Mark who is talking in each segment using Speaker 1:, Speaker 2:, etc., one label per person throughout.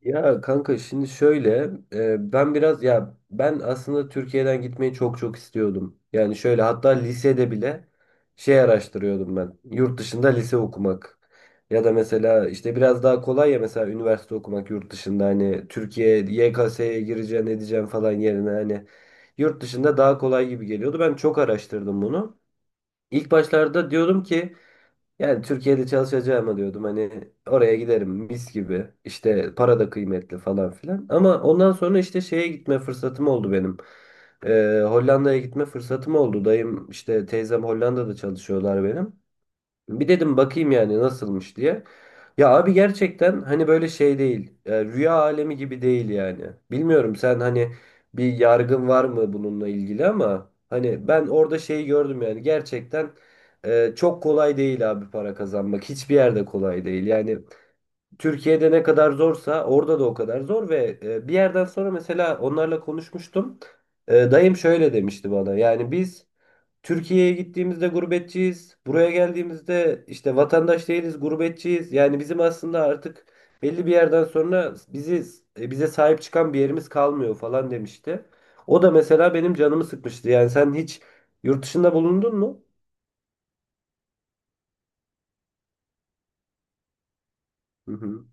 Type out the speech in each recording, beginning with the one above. Speaker 1: Ya kanka, şimdi şöyle e, ben biraz ya ben aslında Türkiye'den gitmeyi çok çok istiyordum. Yani şöyle, hatta lisede bile şey araştırıyordum ben. Yurt dışında lise okumak. Ya da mesela işte biraz daha kolay, ya mesela üniversite okumak yurt dışında, hani Türkiye YKS'ye gireceğin edeceğin falan yerine, hani yurt dışında daha kolay gibi geliyordu. Ben çok araştırdım bunu. İlk başlarda diyordum ki, yani Türkiye'de çalışacağıma diyordum, hani oraya giderim mis gibi, işte para da kıymetli falan filan. Ama ondan sonra işte şeye gitme fırsatım oldu benim. Hollanda'ya gitme fırsatım oldu. Dayım işte teyzem Hollanda'da çalışıyorlar benim. Bir dedim bakayım yani nasılmış diye. Ya abi, gerçekten hani böyle şey değil, rüya alemi gibi değil yani. Bilmiyorum sen hani bir yargın var mı bununla ilgili, ama hani ben orada şeyi gördüm yani, gerçekten çok kolay değil abi para kazanmak. Hiçbir yerde kolay değil. Yani Türkiye'de ne kadar zorsa orada da o kadar zor, ve bir yerden sonra mesela onlarla konuşmuştum. Dayım şöyle demişti bana. Yani biz Türkiye'ye gittiğimizde gurbetçiyiz, buraya geldiğimizde işte vatandaş değiliz, gurbetçiyiz. Yani bizim aslında artık belli bir yerden sonra bizi, bize sahip çıkan bir yerimiz kalmıyor falan demişti. O da mesela benim canımı sıkmıştı. Yani sen hiç yurt dışında bulundun mu? Hı hı.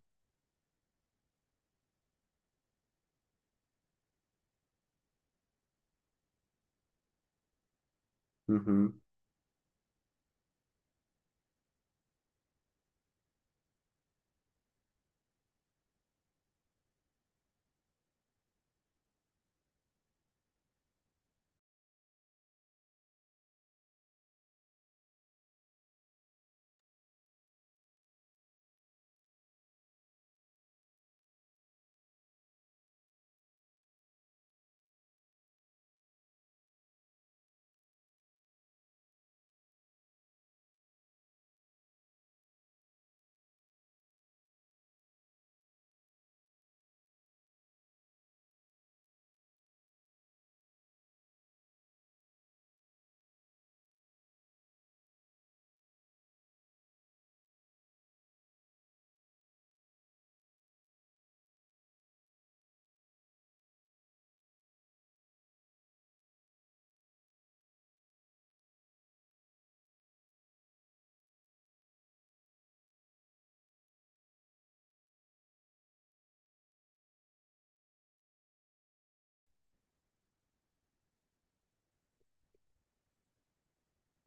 Speaker 1: Hı hı.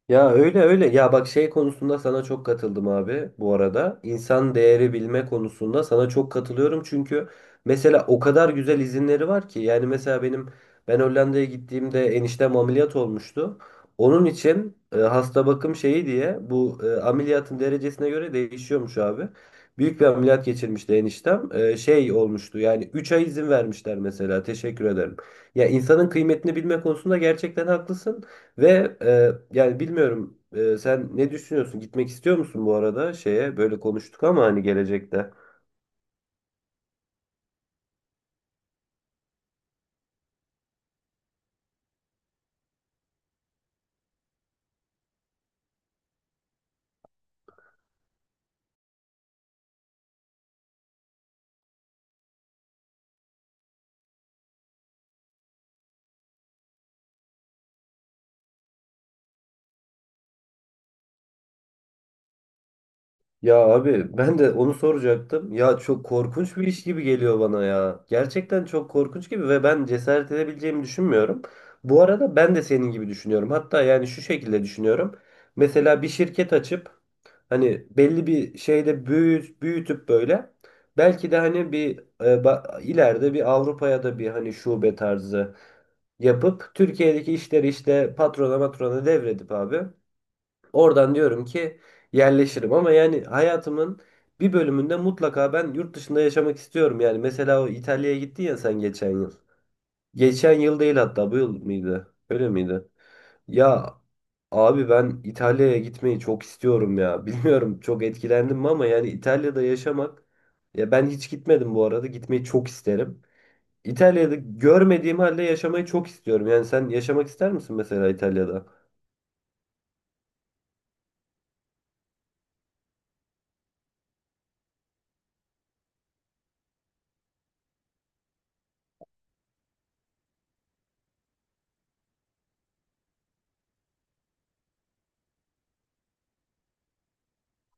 Speaker 1: Ya öyle öyle. Ya bak, şey konusunda sana çok katıldım abi bu arada. İnsan değeri bilme konusunda sana çok katılıyorum. Çünkü mesela o kadar güzel izinleri var ki. Yani mesela ben Hollanda'ya gittiğimde eniştem ameliyat olmuştu. Onun için hasta bakım şeyi diye, bu ameliyatın derecesine göre değişiyormuş abi. Büyük bir ameliyat geçirmişti eniştem. Şey olmuştu yani, 3 ay izin vermişler mesela. Teşekkür ederim. Ya, insanın kıymetini bilme konusunda gerçekten haklısın. Ve yani bilmiyorum, sen ne düşünüyorsun? Gitmek istiyor musun bu arada şeye? Böyle konuştuk ama hani gelecekte. Ya abi, ben de onu soracaktım. Ya çok korkunç bir iş gibi geliyor bana ya. Gerçekten çok korkunç gibi, ve ben cesaret edebileceğimi düşünmüyorum. Bu arada ben de senin gibi düşünüyorum. Hatta yani şu şekilde düşünüyorum. Mesela bir şirket açıp, hani belli bir şeyde büyütüp böyle, belki de hani ileride bir Avrupa'ya da bir hani şube tarzı yapıp, Türkiye'deki işleri işte patrona matrona devredip abi, oradan diyorum ki yerleşirim, ama yani hayatımın bir bölümünde mutlaka ben yurt dışında yaşamak istiyorum. Yani mesela o İtalya'ya gittin ya sen geçen yıl. Geçen yıl değil hatta, bu yıl mıydı? Öyle miydi? Ya abi, ben İtalya'ya gitmeyi çok istiyorum ya. Bilmiyorum çok etkilendim mi, ama yani İtalya'da yaşamak, ya ben hiç gitmedim bu arada. Gitmeyi çok isterim. İtalya'da görmediğim halde yaşamayı çok istiyorum. Yani sen yaşamak ister misin mesela İtalya'da?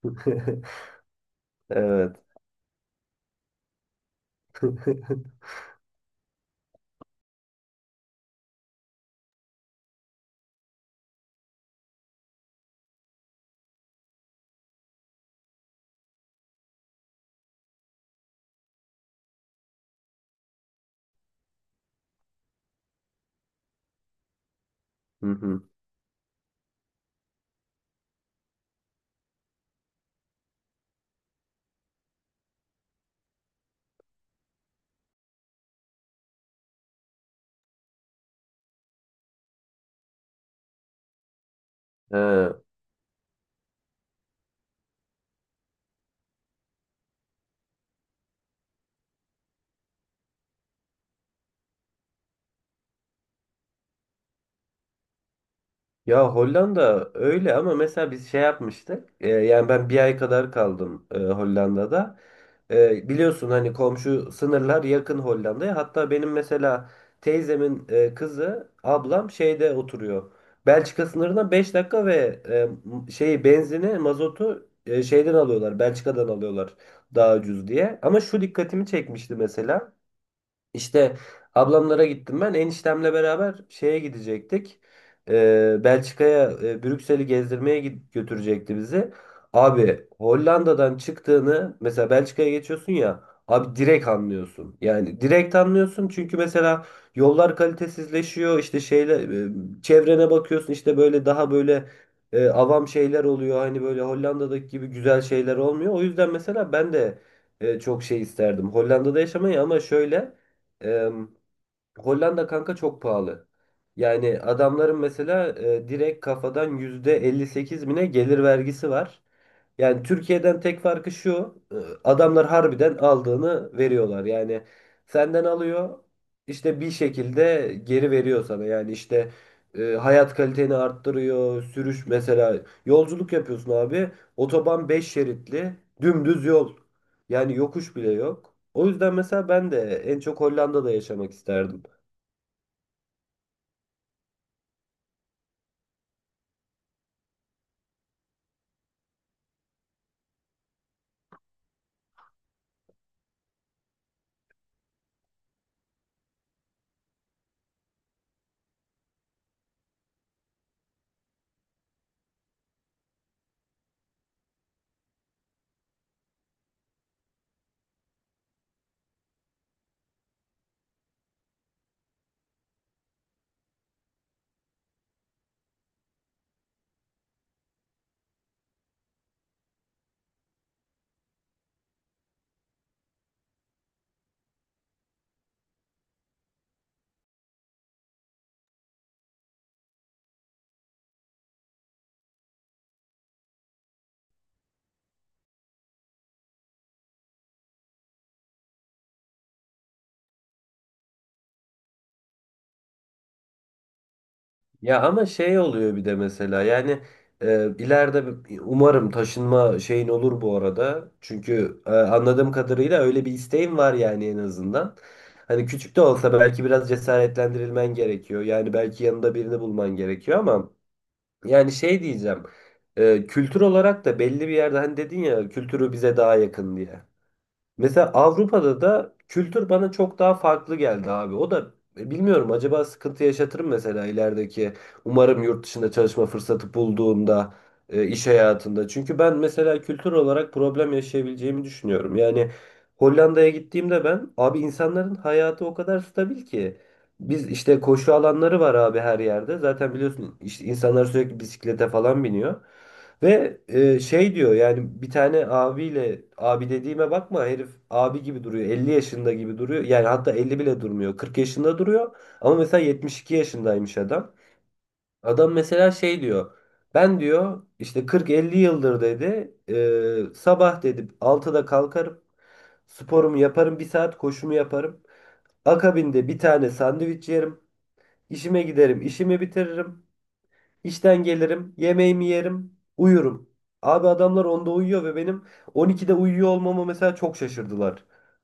Speaker 1: Evet. Hı hı. He, ya Hollanda öyle, ama mesela biz şey yapmıştık. Yani ben bir ay kadar kaldım Hollanda'da. Biliyorsun hani komşu sınırlar yakın Hollanda'ya. Hatta benim mesela teyzemin kızı, ablam şeyde oturuyor. Belçika sınırına 5 dakika, ve şeyi, benzini, mazotu şeyden alıyorlar. Belçika'dan alıyorlar daha ucuz diye. Ama şu dikkatimi çekmişti mesela. İşte ablamlara gittim ben. Eniştemle beraber şeye gidecektik. Belçika'ya, Brüksel'i gezdirmeye götürecekti bizi. Abi Hollanda'dan çıktığını mesela Belçika'ya geçiyorsun ya abi, direkt anlıyorsun. Yani direkt anlıyorsun, çünkü mesela yollar kalitesizleşiyor, işte şeyle çevrene bakıyorsun işte, böyle daha böyle avam şeyler oluyor. Hani böyle Hollanda'daki gibi güzel şeyler olmuyor. O yüzden mesela ben de çok şey isterdim Hollanda'da yaşamayı, ama şöyle... Eee, Hollanda kanka çok pahalı. Yani adamların mesela direkt kafadan %58 bine gelir vergisi var. Yani Türkiye'den tek farkı şu. Adamlar harbiden aldığını veriyorlar. Yani senden alıyor, işte bir şekilde geri veriyor sana. Yani işte hayat kaliteni arttırıyor. Sürüş mesela, yolculuk yapıyorsun abi. Otoban 5 şeritli, dümdüz yol. Yani yokuş bile yok. O yüzden mesela ben de en çok Hollanda'da yaşamak isterdim. Ya ama şey oluyor bir de mesela, yani ileride umarım taşınma şeyin olur bu arada. Çünkü anladığım kadarıyla öyle bir isteğim var yani, en azından. Hani küçük de olsa belki biraz cesaretlendirilmen gerekiyor. Yani belki yanında birini bulman gerekiyor, ama yani şey diyeceğim. Kültür olarak da belli bir yerde, hani dedin ya kültürü bize daha yakın diye. Mesela Avrupa'da da kültür bana çok daha farklı geldi abi. O da bilmiyorum, acaba sıkıntı yaşatırım mesela ilerideki. Umarım yurt dışında çalışma fırsatı bulduğumda iş hayatında. Çünkü ben mesela kültür olarak problem yaşayabileceğimi düşünüyorum. Yani Hollanda'ya gittiğimde ben abi, insanların hayatı o kadar stabil ki. Biz işte koşu alanları var abi her yerde. Zaten biliyorsun işte insanlar sürekli bisiklete falan biniyor. Ve şey diyor yani, bir tane abiyle, abi dediğime bakma, herif abi gibi duruyor, 50 yaşında gibi duruyor yani, hatta 50 bile durmuyor, 40 yaşında duruyor, ama mesela 72 yaşındaymış adam. Adam mesela şey diyor, ben diyor işte 40-50 yıldır dedi, sabah dedi 6'da kalkarım, sporumu yaparım, bir saat koşumu yaparım, akabinde bir tane sandviç yerim, işime giderim, işimi bitiririm. İşten gelirim, yemeğimi yerim, uyurum. Abi adamlar onda uyuyor, ve benim 12'de uyuyor olmama mesela çok şaşırdılar.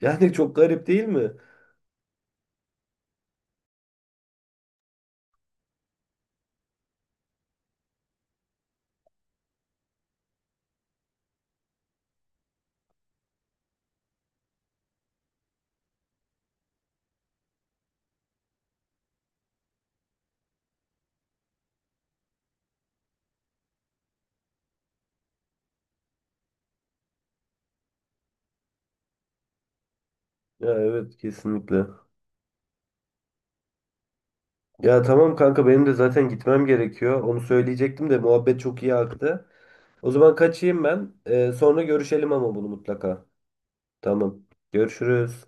Speaker 1: Yani çok garip değil mi? Ya evet, kesinlikle. Ya tamam kanka, benim de zaten gitmem gerekiyor. Onu söyleyecektim de muhabbet çok iyi aktı. O zaman kaçayım ben. Sonra görüşelim ama bunu mutlaka. Tamam. Görüşürüz.